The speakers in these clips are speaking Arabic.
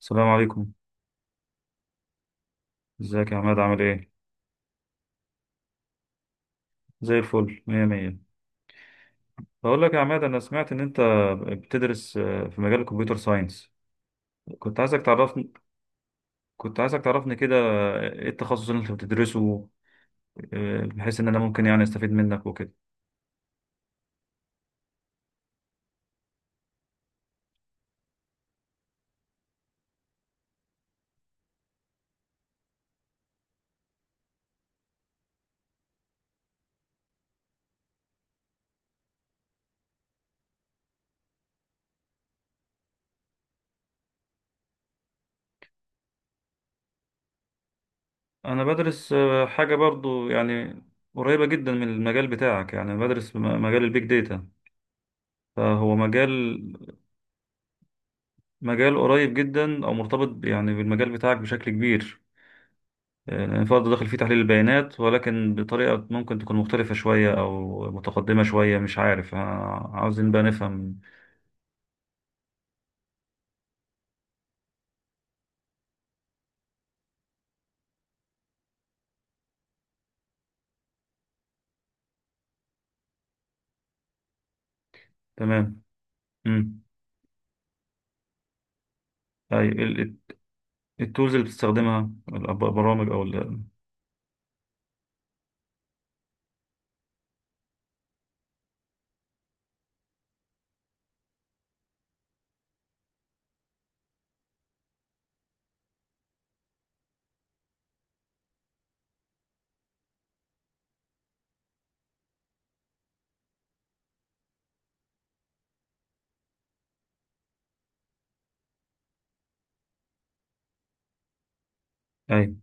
السلام عليكم. ازيك يا عماد، عامل ايه؟ زي الفل، مية مية. بقول لك يا عماد، انا سمعت ان انت بتدرس في مجال الكمبيوتر ساينس. كنت عايزك تعرفني كنت عايزك تعرفني كده، ايه التخصص اللي انت بتدرسه؟ بحيث ان انا ممكن يعني استفيد منك وكده. انا بدرس حاجة برضو يعني قريبة جدا من المجال بتاعك، يعني بدرس مجال البيج داتا. فهو مجال قريب جدا او مرتبط يعني بالمجال بتاعك بشكل كبير. فرض داخل فيه تحليل البيانات، ولكن بطريقة ممكن تكون مختلفة شوية أو متقدمة شوية، مش عارف، عاوزين بقى نفهم. تمام. امم. أي، التولز اللي بتستخدمها، البرامج أو أي.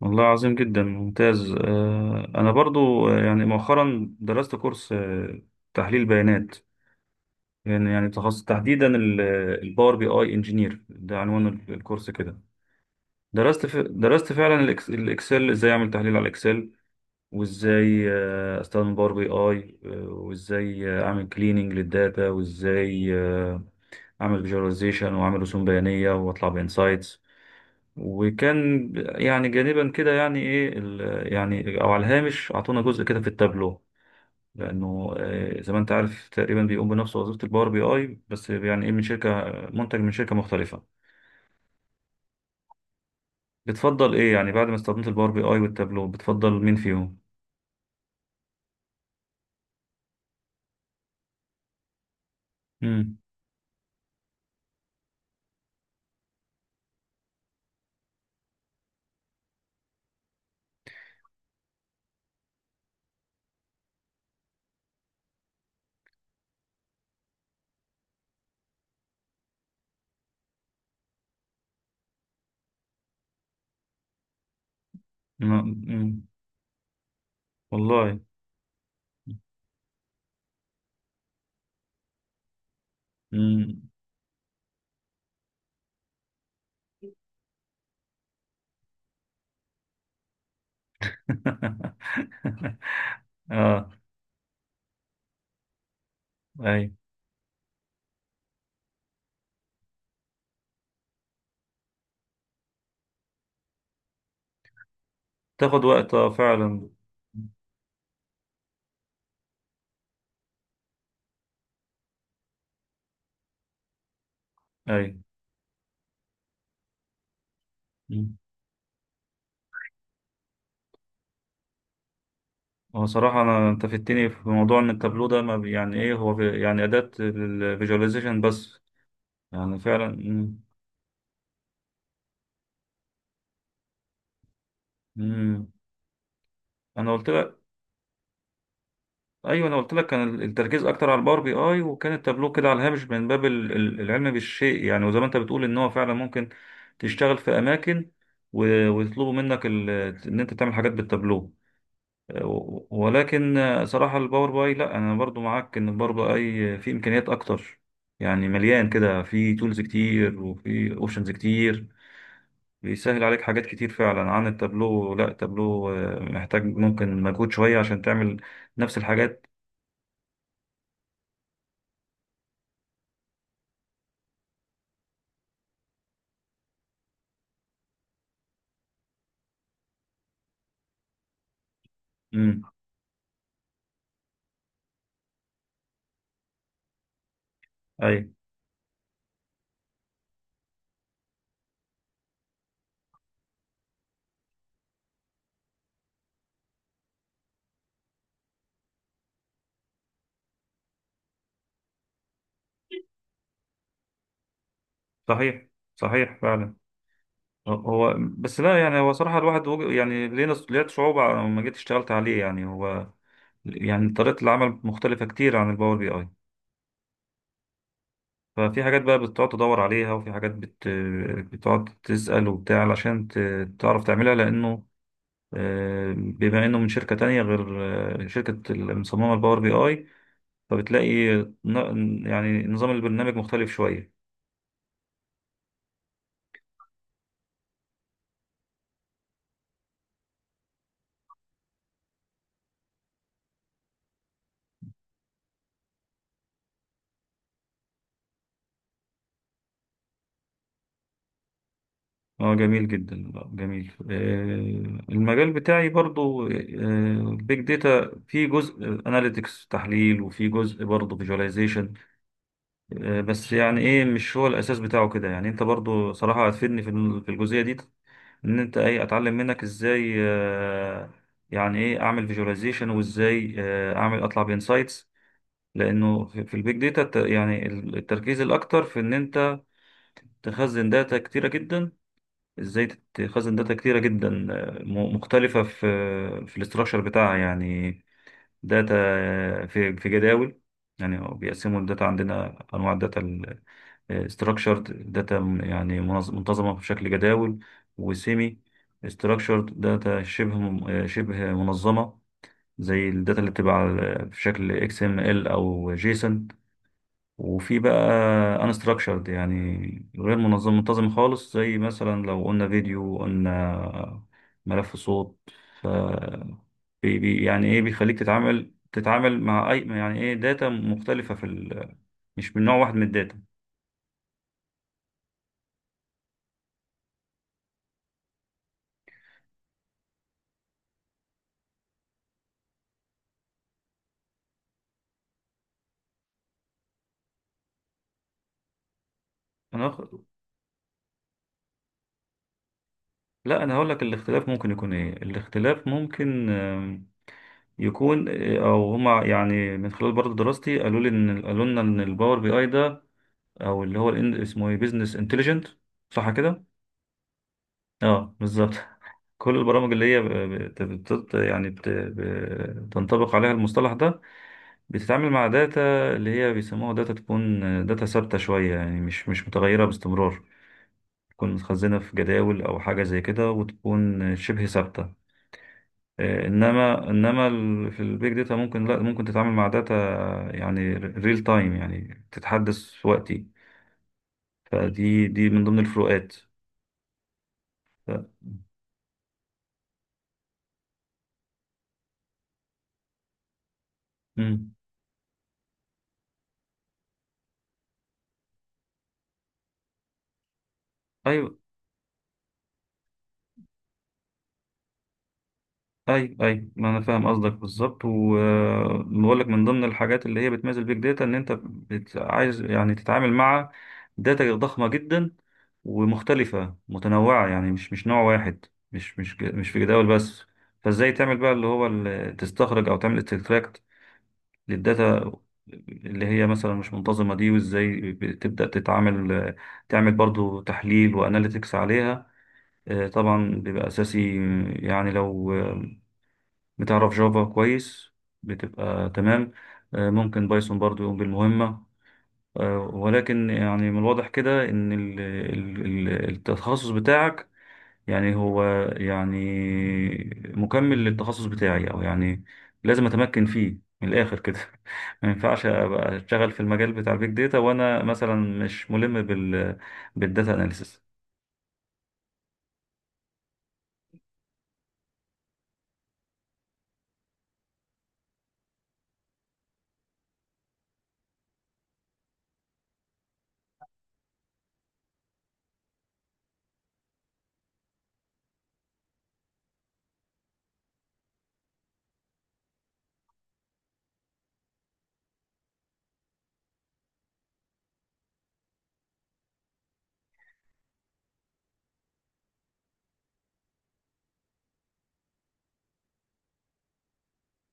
والله عظيم جدا، ممتاز. أنا برضو يعني مؤخرا درست كورس تحليل بيانات. يعني تخصص تحديدا الباور بي اي انجينير، ده عنوان الكورس كده. درست فعلا الاكسل ازاي اعمل تحليل على الاكسل، وازاي استخدم باور بي اي، وازاي اعمل كليننج للداتا، وازاي اعمل فيجواليزيشن واعمل رسوم بيانيه واطلع بانسايتس. وكان يعني جانبا كده، يعني ايه، يعني او على الهامش، اعطونا جزء كده في التابلو، لانه زي ما انت عارف تقريبا بيقوم بنفس وظيفه الباور بي اي، بس يعني ايه من شركه، منتج من شركه مختلفه. بتفضل ايه يعني، بعد ما استخدمت الباور بي اي والتابلو، بتفضل مين فيهم؟ امم. والله. اه. اي. تاخد وقت، فعلا. اي. مم. هو صراحة، أنا أنت فدتني في موضوع إن التابلو ده ما بي- يعني إيه، هو يعني أداة للفيجواليزيشن بس، يعني فعلا. مم. مم. أنا قلت لك. أيوه، أنا قلت لك كان التركيز أكتر على الباور بي أي، وكان التابلو كده على الهامش، من باب العلم بالشيء يعني. وزي ما أنت بتقول إن هو فعلا ممكن تشتغل في أماكن ويطلبوا منك إن أنت تعمل حاجات بالتابلو. ولكن صراحة الباور باي، لا، أنا برضو معاك إن الباور باي فيه إمكانيات أكتر، يعني مليان كده، فيه تولز كتير وفيه أوبشنز كتير. بيسهل عليك حاجات كتير فعلا عن التابلو. لا، التابلو محتاج ممكن مجهود شوية عشان تعمل نفس الحاجات. امم. أي. صحيح. صحيح فعلا. هو بس لا يعني، هو صراحة الواحد يعني لينا، لقيت صعوبة لما جيت اشتغلت عليه، يعني هو يعني طريقة العمل مختلفة كتير عن الباور بي اي. ففي حاجات بقى بتقعد تدور عليها، وفي حاجات بتقعد تسأل وبتاع علشان تعرف تعملها، لأنه بما إنه من شركة تانية غير شركة المصممة الباور بي آي، فبتلاقي يعني نظام البرنامج مختلف شوية. اه، جميل جدا. جميل. المجال بتاعي برضو بيج داتا، في جزء اناليتكس تحليل، وفي جزء برضو فيجواليزيشن، بس يعني ايه، مش هو الاساس بتاعه كده يعني. انت برضو صراحة هتفيدني في في الجزئية دي، ان انت ايه اتعلم منك ازاي، يعني ايه اعمل فيجواليزيشن، وازاي اعمل اطلع بانسايتس. لانه في البيج داتا، يعني التركيز الاكتر في ان انت تخزن داتا كتيره جدا. ازاي تخزن داتا كتيره جدا مختلفه في في الاستراكشر بتاعها يعني، داتا في في جداول. يعني بيقسموا الداتا، عندنا انواع الداتا، ستراكشرد داتا يعني منتظمه بشكل جداول، وسيمي ستراكشرد داتا شبه شبه منظمه، زي الداتا اللي بتبقى في شكل XML او جيسون. وفي بقى انستراكشرد، يعني غير منتظم خالص، زي مثلا لو قلنا فيديو، قلنا ملف صوت. بي يعني ايه، بيخليك تتعامل مع اي يعني ايه داتا مختلفة في مش من نوع واحد من الداتا. انا أخ... لا، انا هقول لك الاختلاف ممكن يكون ايه. الاختلاف ممكن يكون او هما يعني، من خلال برضه دراستي، قالوا لنا ان الباور بي اي ده، او اللي هو اسمه ايه، بزنس انتليجنت، صح كده؟ اه، بالظبط. كل البرامج اللي هي بت- بت- يعني بت- بتنطبق عليها المصطلح ده، بتتعامل مع داتا اللي هي بيسموها داتا، تكون داتا ثابتة شوية، يعني مش متغيرة باستمرار، تكون متخزنة في جداول أو حاجة زي كده، وتكون شبه ثابتة. إنما في البيج داتا ممكن، لا ممكن تتعامل مع داتا يعني ريل تايم، يعني تتحدث في وقتي. فدي دي من ضمن الفروقات. ف... مم. أيوة. اي، اي، ما انا فاهم قصدك بالظبط، وبقول لك من ضمن الحاجات اللي هي بتميز البيج داتا ان انت عايز يعني تتعامل مع داتا ضخمه جدا، ومختلفه متنوعه، يعني مش نوع واحد، مش في جداول بس. فازاي تعمل بقى، اللي هو تستخرج او تعمل استكتراكت للداتا اللي هي مثلا مش منتظمه دي، وازاي بتبدا تتعامل، تعمل برضو تحليل واناليتكس عليها. طبعا بيبقى اساسي يعني، لو بتعرف جافا كويس بتبقى تمام. ممكن بايثون برضو يقوم بالمهمة. ولكن يعني من الواضح كده إن التخصص بتاعك، يعني هو يعني مكمل للتخصص بتاعي، أو يعني لازم أتمكن فيه من الآخر كده. ما ينفعش أبقى أشتغل في المجال بتاع البيج داتا وأنا مثلا مش ملم بالداتا أناليسيس.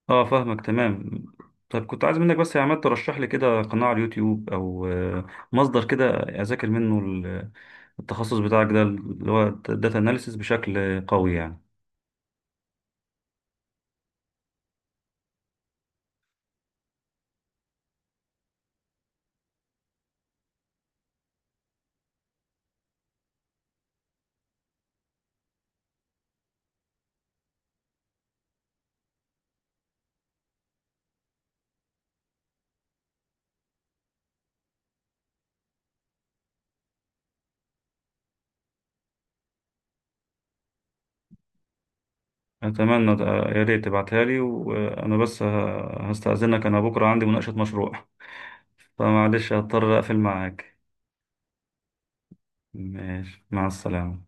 اه، فاهمك تمام. طيب كنت عايز منك بس يا عماد ترشح لي كده قناة على اليوتيوب او مصدر كده اذاكر منه التخصص بتاعك ده اللي هو داتا اناليسيس بشكل قوي يعني. اتمنى يا ريت تبعتها لي. وانا بس هستأذنك، انا بكرة عندي مناقشة مشروع. فمعلش هضطر اقفل معاك. ماشي، مع السلامة.